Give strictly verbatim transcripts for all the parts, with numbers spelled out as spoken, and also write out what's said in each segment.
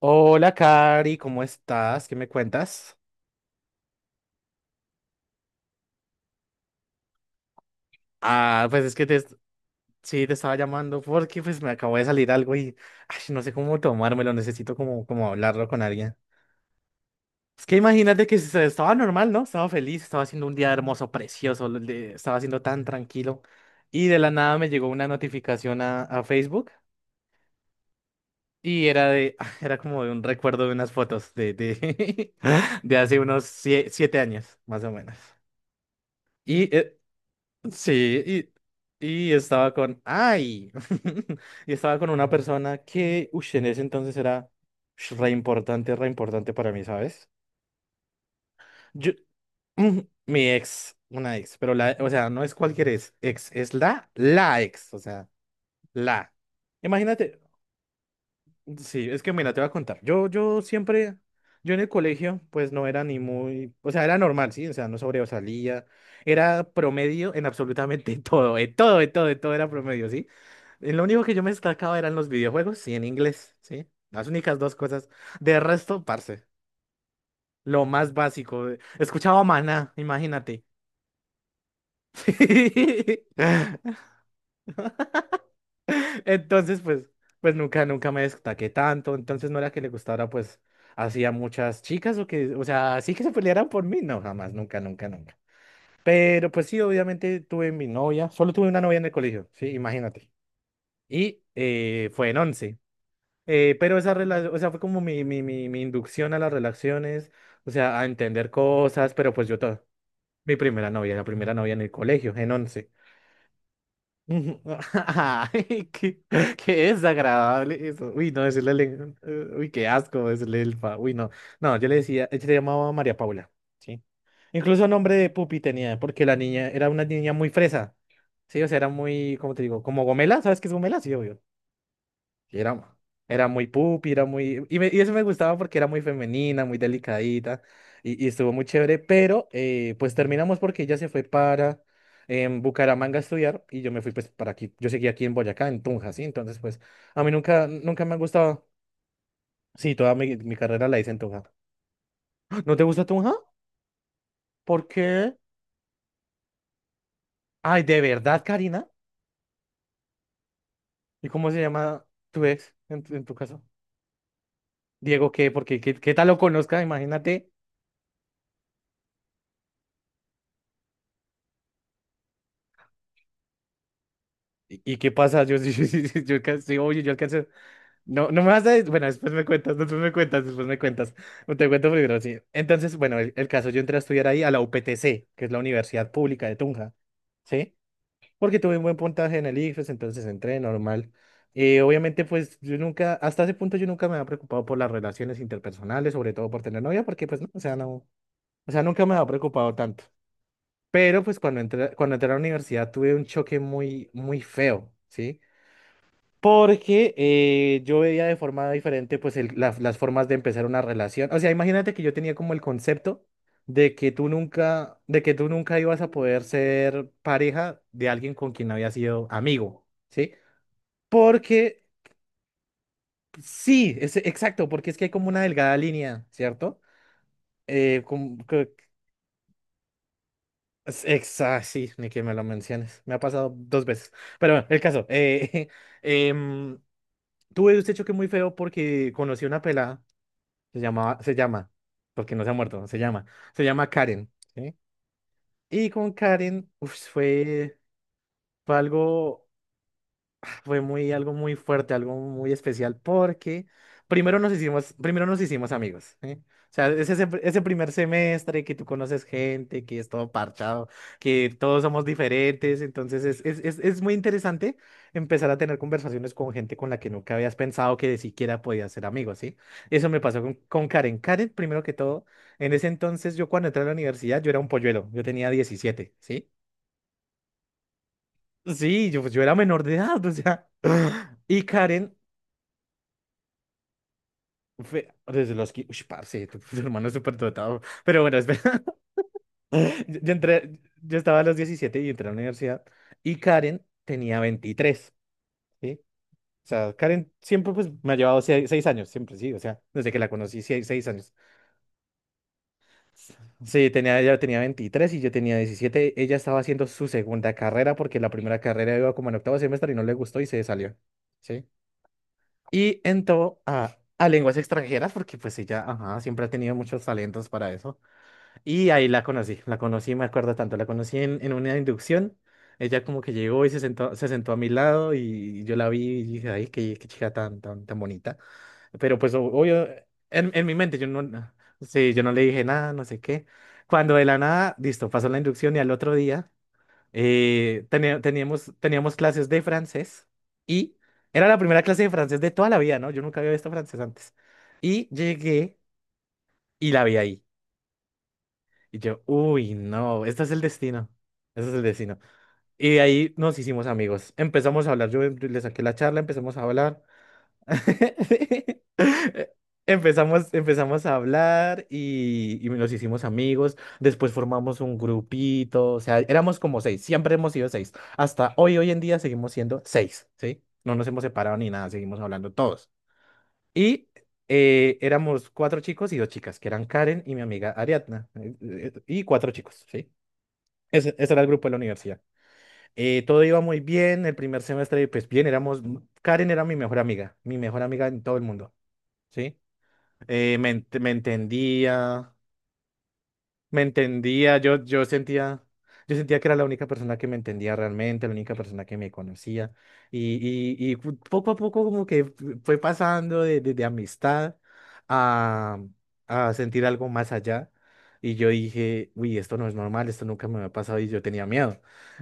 Hola, Cari, ¿cómo estás? ¿Qué me cuentas? Ah, pues es que te, sí, te estaba llamando porque pues me acabó de salir algo y ay, no sé cómo tomármelo, necesito como, como hablarlo con alguien. Es que imagínate que se- estaba normal, ¿no? Estaba feliz, estaba haciendo un día hermoso, precioso, lo- de- estaba siendo tan tranquilo y de la nada me llegó una notificación a, a Facebook y era de, era como de un recuerdo de unas fotos de, de, de hace unos sie- siete años, más o menos. Y eh, sí, y, y estaba con, ay, y estaba con una persona que, uy, en ese entonces era ush, re importante, re importante para mí, ¿sabes? Yo, mm, mi ex, una ex, pero la, o sea, no es cualquier ex, ex, es la, la ex, o sea, la. Imagínate, sí, es que mira, te voy a contar. Yo, yo siempre, yo en el colegio, pues no era ni muy, o sea, era normal, sí, o sea, no sobresalía, era promedio en absolutamente todo, en todo, en todo, en todo era promedio, sí. Eh, Lo único que yo me destacaba eran los videojuegos y en inglés, sí, las únicas dos cosas. De resto, parce, lo más básico, eh, escuchaba Maná, imagínate. Entonces, pues, pues nunca, nunca me destaqué tanto. Entonces no era que le gustara, pues, hacía muchas chicas o que, o sea, sí que se pelearan por mí. No, jamás, nunca, nunca, nunca. Pero pues sí, obviamente tuve mi novia. Solo tuve una novia en el colegio, sí, imagínate. Y eh, fue en once. Eh, pero esa relación, o sea, fue como mi, mi, mi, mi inducción a las relaciones, o sea, a entender cosas, pero pues yo todo. Mi primera novia, la primera novia en el colegio, en once. Ujú. Ay, qué, qué, desagradable eso. Uy, no, decirle, len- eh, uy, qué asco decirle elfa. Uy, no. No, yo le decía, ella le llamaba María Paula, ¿sí? Incluso nombre de Pupi tenía, porque la niña era una niña muy fresa, ¿sí? O sea, era muy, ¿cómo te digo? Como gomela, ¿sabes qué es gomela? Sí, obvio. Y Era, era muy pupi, era muy... Y, me- y eso me gustaba porque era muy femenina, muy delicadita, y, y estuvo muy chévere, pero eh, pues terminamos porque ella se fue para em, Bucaramanga a estudiar y yo me fui pues para aquí, yo seguí aquí en Boyacá, en Tunja, ¿sí? Entonces pues a mí nunca, nunca me ha gustado, sí, toda mi, mi carrera la hice en Tunja. ¡Ah! ¿No te gusta Tunja? ¿Por qué? Ay, ¿de verdad, Karina? ¿Y cómo se llama tu ex en, tu en tu caso? Diego, ¿qué? Porque qué, qué tal lo conozca, imagínate. ¿Y y qué pasa? Yo, yo, yo, yo yo alcancé- oye, yo alcancé. No, no me vas a. Bueno, después me cuentas, después me cuentas, después me cuentas. No te cuento primero, sí. Entonces, bueno, el, el caso, yo entré a estudiar ahí a la U P T C, que es la Universidad Pública de Tunja, ¿sí? Porque tuve un buen puntaje en el ICFES, entonces entré normal. Eh, obviamente, pues yo nunca, hasta ese punto yo nunca me había preocupado por las relaciones interpersonales, sobre todo por tener novia, porque pues no, o sea, no, o sea, nunca me había preocupado tanto. Pero pues cuando entré, cuando entré a la universidad tuve un choque muy, muy feo, ¿sí? Porque eh, yo veía de forma diferente pues el- la- las formas de empezar una relación. O sea, imagínate que yo tenía como el concepto de que tú nunca, de que tú nunca ibas a poder ser pareja de alguien con quien habías sido amigo, ¿sí? Porque sí, es, exacto, porque es que hay como una delgada línea, ¿cierto? Eh, como que- es- exa- sí, ni que me lo menciones. Me ha pasado dos veces. Pero bueno, el caso. Eh, em, tuve un hecho que muy feo porque conocí a una pelada. Se llamaba, se llama, porque no se ha muerto, se llama, se llama Karen, ¿sí? Y con Karen, uf, fue, fue algo fue muy, algo muy fuerte, algo muy especial, porque primero nos hicimos, primero nos hicimos amigos, ¿eh? O sea, es ese, ese primer semestre que tú conoces gente, que es todo parchado, que todos somos diferentes, entonces es, es, es, es muy interesante empezar a tener conversaciones con gente con la que nunca habías pensado que de siquiera podías ser amigos, ¿sí? Eso me pasó con, con Karen. Karen, primero que todo, en ese entonces yo cuando entré a la universidad yo era un polluelo, yo tenía diecisiete, ¿sí? Sí, yo, pues, yo era menor de edad, o sea. Y Karen Fe- desde los que, uy, parce, tu, tu hermano es súper dotado. Pero bueno, espera. Yo, yo entré, yo estaba a los diecisiete y entré a la universidad y Karen tenía veintitrés, ¿sí? O sea, Karen siempre pues me ha llevado seis seis años, siempre, sí, o sea, desde que la conocí, seis seis años. Sí, tenía, ella tenía veintitrés y yo tenía diecisiete. Ella estaba haciendo su segunda carrera porque la primera carrera iba como en octavo semestre y no le gustó y se salió, ¿sí? Y entró a, a lenguas extranjeras porque pues ella, ajá, siempre ha tenido muchos talentos para eso. Y ahí la conocí, la conocí, me acuerdo tanto, la conocí en, en una inducción. Ella como que llegó y se sentó, se sentó a mi lado y yo la vi y dije, ay, qué, qué chica tan, tan, tan bonita. Pero pues o- obvio, en, en mi mente yo no, no- sí, yo no le dije nada, no sé qué. Cuando de la nada, listo, pasó la inducción y al otro día eh, teni- teníamos, teníamos clases de francés y era la primera clase de francés de toda la vida, ¿no? Yo nunca había visto francés antes. Y llegué y la vi ahí. Y yo, uy, no, este es el destino. Este es el destino. Y de ahí nos hicimos amigos. Empezamos a hablar. Yo le saqué la charla, empezamos a hablar. Empezamos, empezamos a hablar y, y nos hicimos amigos. Después formamos un grupito. O sea, éramos como seis. Siempre hemos sido seis. Hasta hoy, hoy en día seguimos siendo seis, ¿sí? No nos hemos separado ni nada. Seguimos hablando todos. Y eh, éramos cuatro chicos y dos chicas, que eran Karen y mi amiga Ariadna, eh, eh, eh, y cuatro chicos, ¿sí? Ese, ese era el grupo de la universidad. Eh, todo iba muy bien, el primer semestre, pues bien, éramos, Karen era mi mejor amiga, mi mejor amiga en todo el mundo, ¿sí? Eh, me, ent- me entendía, me entendía, yo, yo sentía, yo sentía que era la única persona que me entendía realmente, la única persona que me conocía. Y, y, y fu- Poco a poco como que fue pasando de, de, de amistad a, a sentir algo más allá. Y yo dije, uy, esto no es normal, esto nunca me había pasado y yo tenía miedo.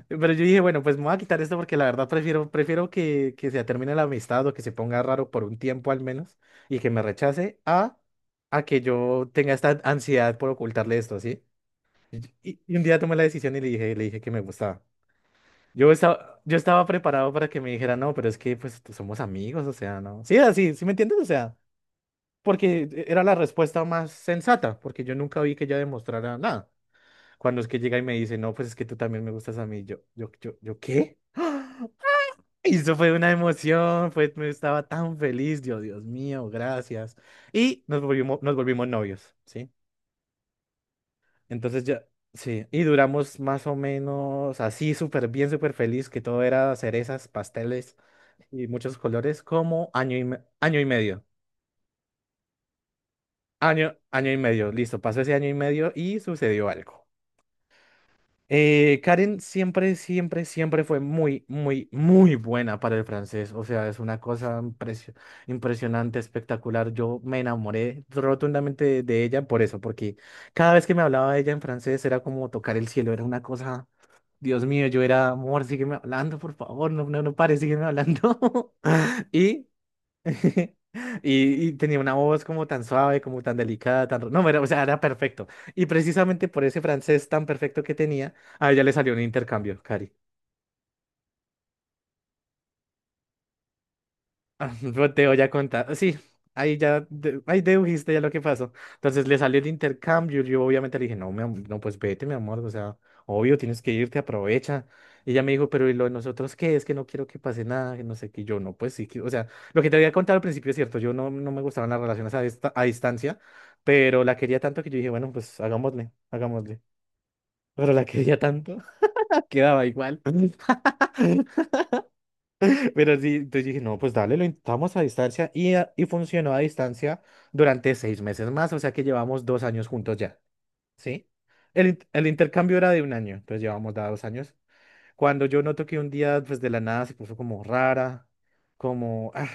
Pero yo dije, bueno, pues me voy a quitar esto porque la verdad prefiero, prefiero que, que, se termine la amistad o que se ponga raro por un tiempo al menos y que me rechace a, a que yo tenga esta ansiedad por ocultarle esto, ¿sí? Y, y- y un día tomé la decisión y le dije, le dije que me gustaba. Yo estaba, yo estaba preparado para que me dijera, no, pero es que pues tú- somos amigos, o sea, no. Sí, así, ¿sí me entiendes? O sea, porque e- era la respuesta más sensata, porque yo nunca vi que ella demostrara nada. Cuando es que llega y me dice, no, pues es que tú también me gustas a mí, yo, yo, yo, yo, ¿qué? ¡Ah! Y eso fue una emoción, fue, me estaba tan feliz, yo, Dios mío, gracias. Y nos volvimos, nos volvimos novios, ¿sí? Entonces ya, sí, y duramos más o menos así, súper bien, súper feliz, que todo era cerezas, pasteles y muchos colores, como año y, me- año y medio. Año, año y medio, listo, pasó ese año y medio y sucedió algo. Eh, Karen siempre, siempre, siempre fue muy, muy, muy buena para el francés. O sea, es una cosa impresio- impresionante, espectacular. Yo me enamoré rotundamente de de ella por eso, porque cada vez que me hablaba de ella en francés era como tocar el cielo, era una cosa. Dios mío, yo era, amor, sígueme hablando, por favor, no, no, no pares, sígueme hablando. Y, y, y tenía una voz como tan suave, como tan delicada, tan... No, era, o sea, era perfecto. Y precisamente por ese francés tan perfecto que tenía, a ella le salió un intercambio, Cari. Ah, no, te voy a contar. Sí, ahí ya, de- ahí dedujiste ya lo que pasó. Entonces le salió el intercambio. Yo obviamente le dije, no, mi am- no, pues vete, mi amor. O sea, obvio, tienes que irte, aprovecha. Y ella me dijo, pero ¿y lo de nosotros qué? Es que no quiero que pase nada, que no sé qué. Y yo no, pues sí, que- o sea, lo que te había contado al principio es cierto. Yo no, no me gustaban las relaciones a, dista- a distancia, pero la quería tanto que yo dije, bueno, pues hagámosle, hagámosle. Pero la quería tanto, quedaba igual. Pero sí, entonces dije, no, pues dale, lo intentamos a distancia y, a- y funcionó a distancia durante seis meses más, o sea que llevamos dos años juntos ya, ¿sí? El, in- el intercambio era de un año, entonces llevamos ya dos años. Cuando yo noto que un día, pues de la nada se puso como rara, como, ah,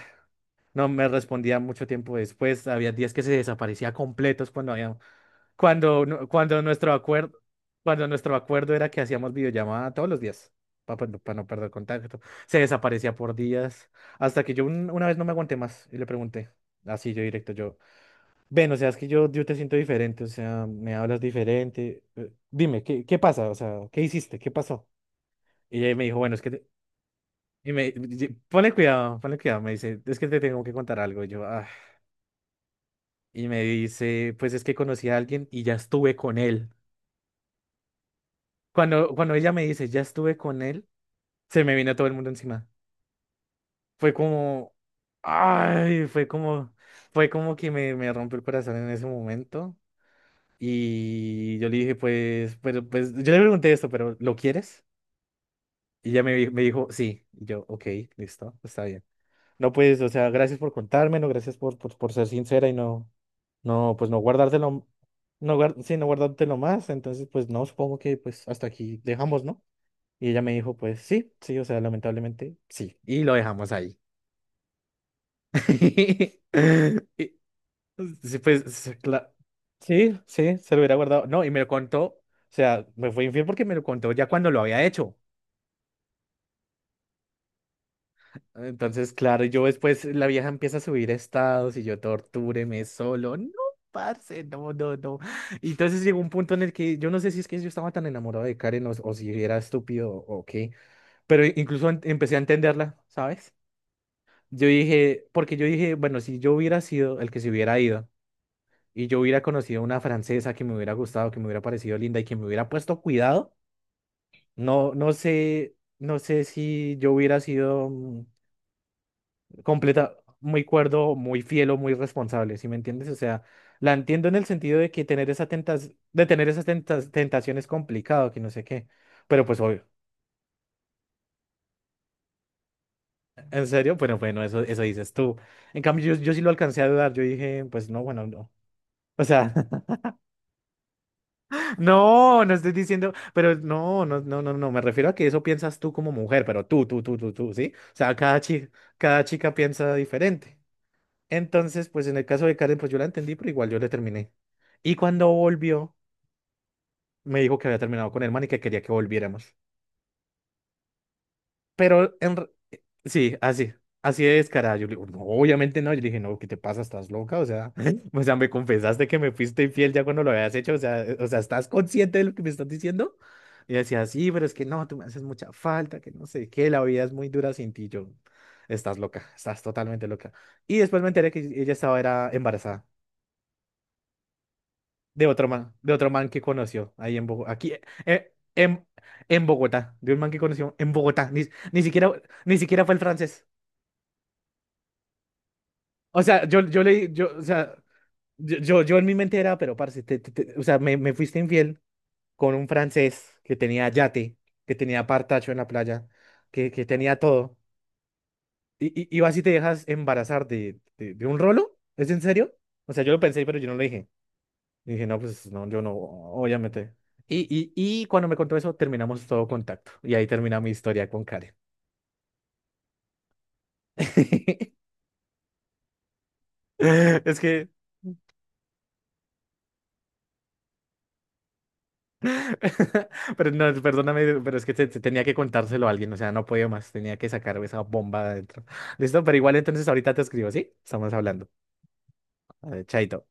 no me respondía mucho tiempo después, había días que se desaparecía completos cuando había, cuando, nu- cuando nuestro acuerdo, cuando nuestro acuerdo era que hacíamos videollamada todos los días, para, no perder contacto. Se desaparecía por días, hasta que yo un- una vez no me aguanté más y le pregunté, así yo directo, yo, ven, o sea, es que yo, yo te siento diferente, o sea, me hablas diferente. eh, Dime, ¿qué, qué pasa? O sea, ¿qué hiciste? ¿Qué pasó? Y ella me dijo, bueno, es que... te-. Y me, y- ponle cuidado, ponle cuidado, me dice, es que te tengo que contar algo. Y yo, "Ah". Y me dice, pues es que conocí a alguien y ya estuve con él. Cuando, cuando ella me dice, ya estuve con él, se me vino todo el mundo encima. Fue como, ay, fue como, fue como que me, me rompió el corazón en ese momento. Y yo le dije, pues, pero, pues, yo le pregunté esto, pero ¿lo quieres? Y ella me, di- me dijo, sí. Y yo, ok, listo, está bien. No, pues, o sea, gracias por contármelo, gracias por, por, por ser sincera y no, no, pues no guardártelo, no, guard sí, no guardártelo más. Entonces, pues, no, supongo que, pues, hasta aquí dejamos, ¿no? Y ella me dijo, pues sí, sí, o sea, lamentablemente sí. Y lo dejamos ahí. Y, sí, pues, sí, cla- sí, sí, se lo hubiera guardado. No, y me lo contó, o sea, me fue infiel porque me lo contó ya cuando lo había hecho. Entonces, claro, yo después la vieja empieza a subir estados y yo tortúreme solo. No, parce, no, no, no. Y entonces llegó un punto en el que yo no sé si es que yo estaba tan enamorado de Karen o, o si era estúpido o qué, pero incluso en- empecé a entenderla, ¿sabes? Yo dije, porque yo dije, bueno, si yo hubiera sido el que se hubiera ido y yo hubiera conocido una francesa que me hubiera gustado, que me hubiera parecido linda y que me hubiera puesto cuidado, no, no sé, no sé si yo hubiera sido mm, completa, muy cuerdo, muy fiel o muy responsable, ¿sí me entiendes? O sea, la entiendo en el sentido de que tener esa tentas, de tener esas tentas- tentación es complicado, que no sé qué. Pero pues obvio, en serio, bueno, bueno, eso, eso dices tú. En cambio, yo, yo sí lo alcancé a dudar, yo dije, pues no, bueno, no. O sea, no, no estoy diciendo, pero no, no, no, no, no, me refiero a que eso piensas tú como mujer, pero tú, tú, tú, tú, tú, ¿sí? O sea, cada chica, cada chica piensa diferente. Entonces, pues en el caso de Karen, pues yo la entendí, pero igual yo le terminé. Y cuando volvió, me dijo que había terminado con el man y que quería que volviéramos. Pero en, Sí, así, así de descarada. Yo le digo, no, obviamente no. Yo le dije, no, ¿qué te pasa? ¿Estás loca? O sea, o sea, me confesaste que me fuiste infiel ya cuando lo habías hecho. O sea, eh, o sea, ¿estás consciente de lo que me estás diciendo? Y decía, sí, pero es que no, tú me haces mucha falta, que no sé qué, la vida es muy dura sin ti. Yo, estás loca, estás totalmente loca. Y después me enteré que ella estaba era embarazada de otro man, de otro man que conoció ahí en Bogotá, aquí, eh, eh, en, en Bogotá, de un man que conoció en Bogotá. Ni, ni siquiera, ni siquiera fue el francés. O sea, yo, yo le, yo, o sea, yo, yo, yo en mi mente era, pero parce, te- te- te- o sea, me, me fuiste infiel con un francés que tenía yate, que tenía partacho en la playa, que, que tenía todo. Y, y, y vas y te dejas embarazar de, de, de un rolo, ¿es en serio? O sea, yo lo pensé, pero yo no lo dije. Y dije, no, pues no, yo no, obviamente. Y, y, y cuando me contó eso, terminamos todo contacto. Y ahí termina mi historia con Karen. Es que Pero no, perdóname, pero es que te- te tenía que contárselo a alguien, o sea, no podía más, tenía que sacar esa bomba de adentro. Listo, pero igual entonces ahorita te escribo, ¿sí? Estamos hablando. A chaito.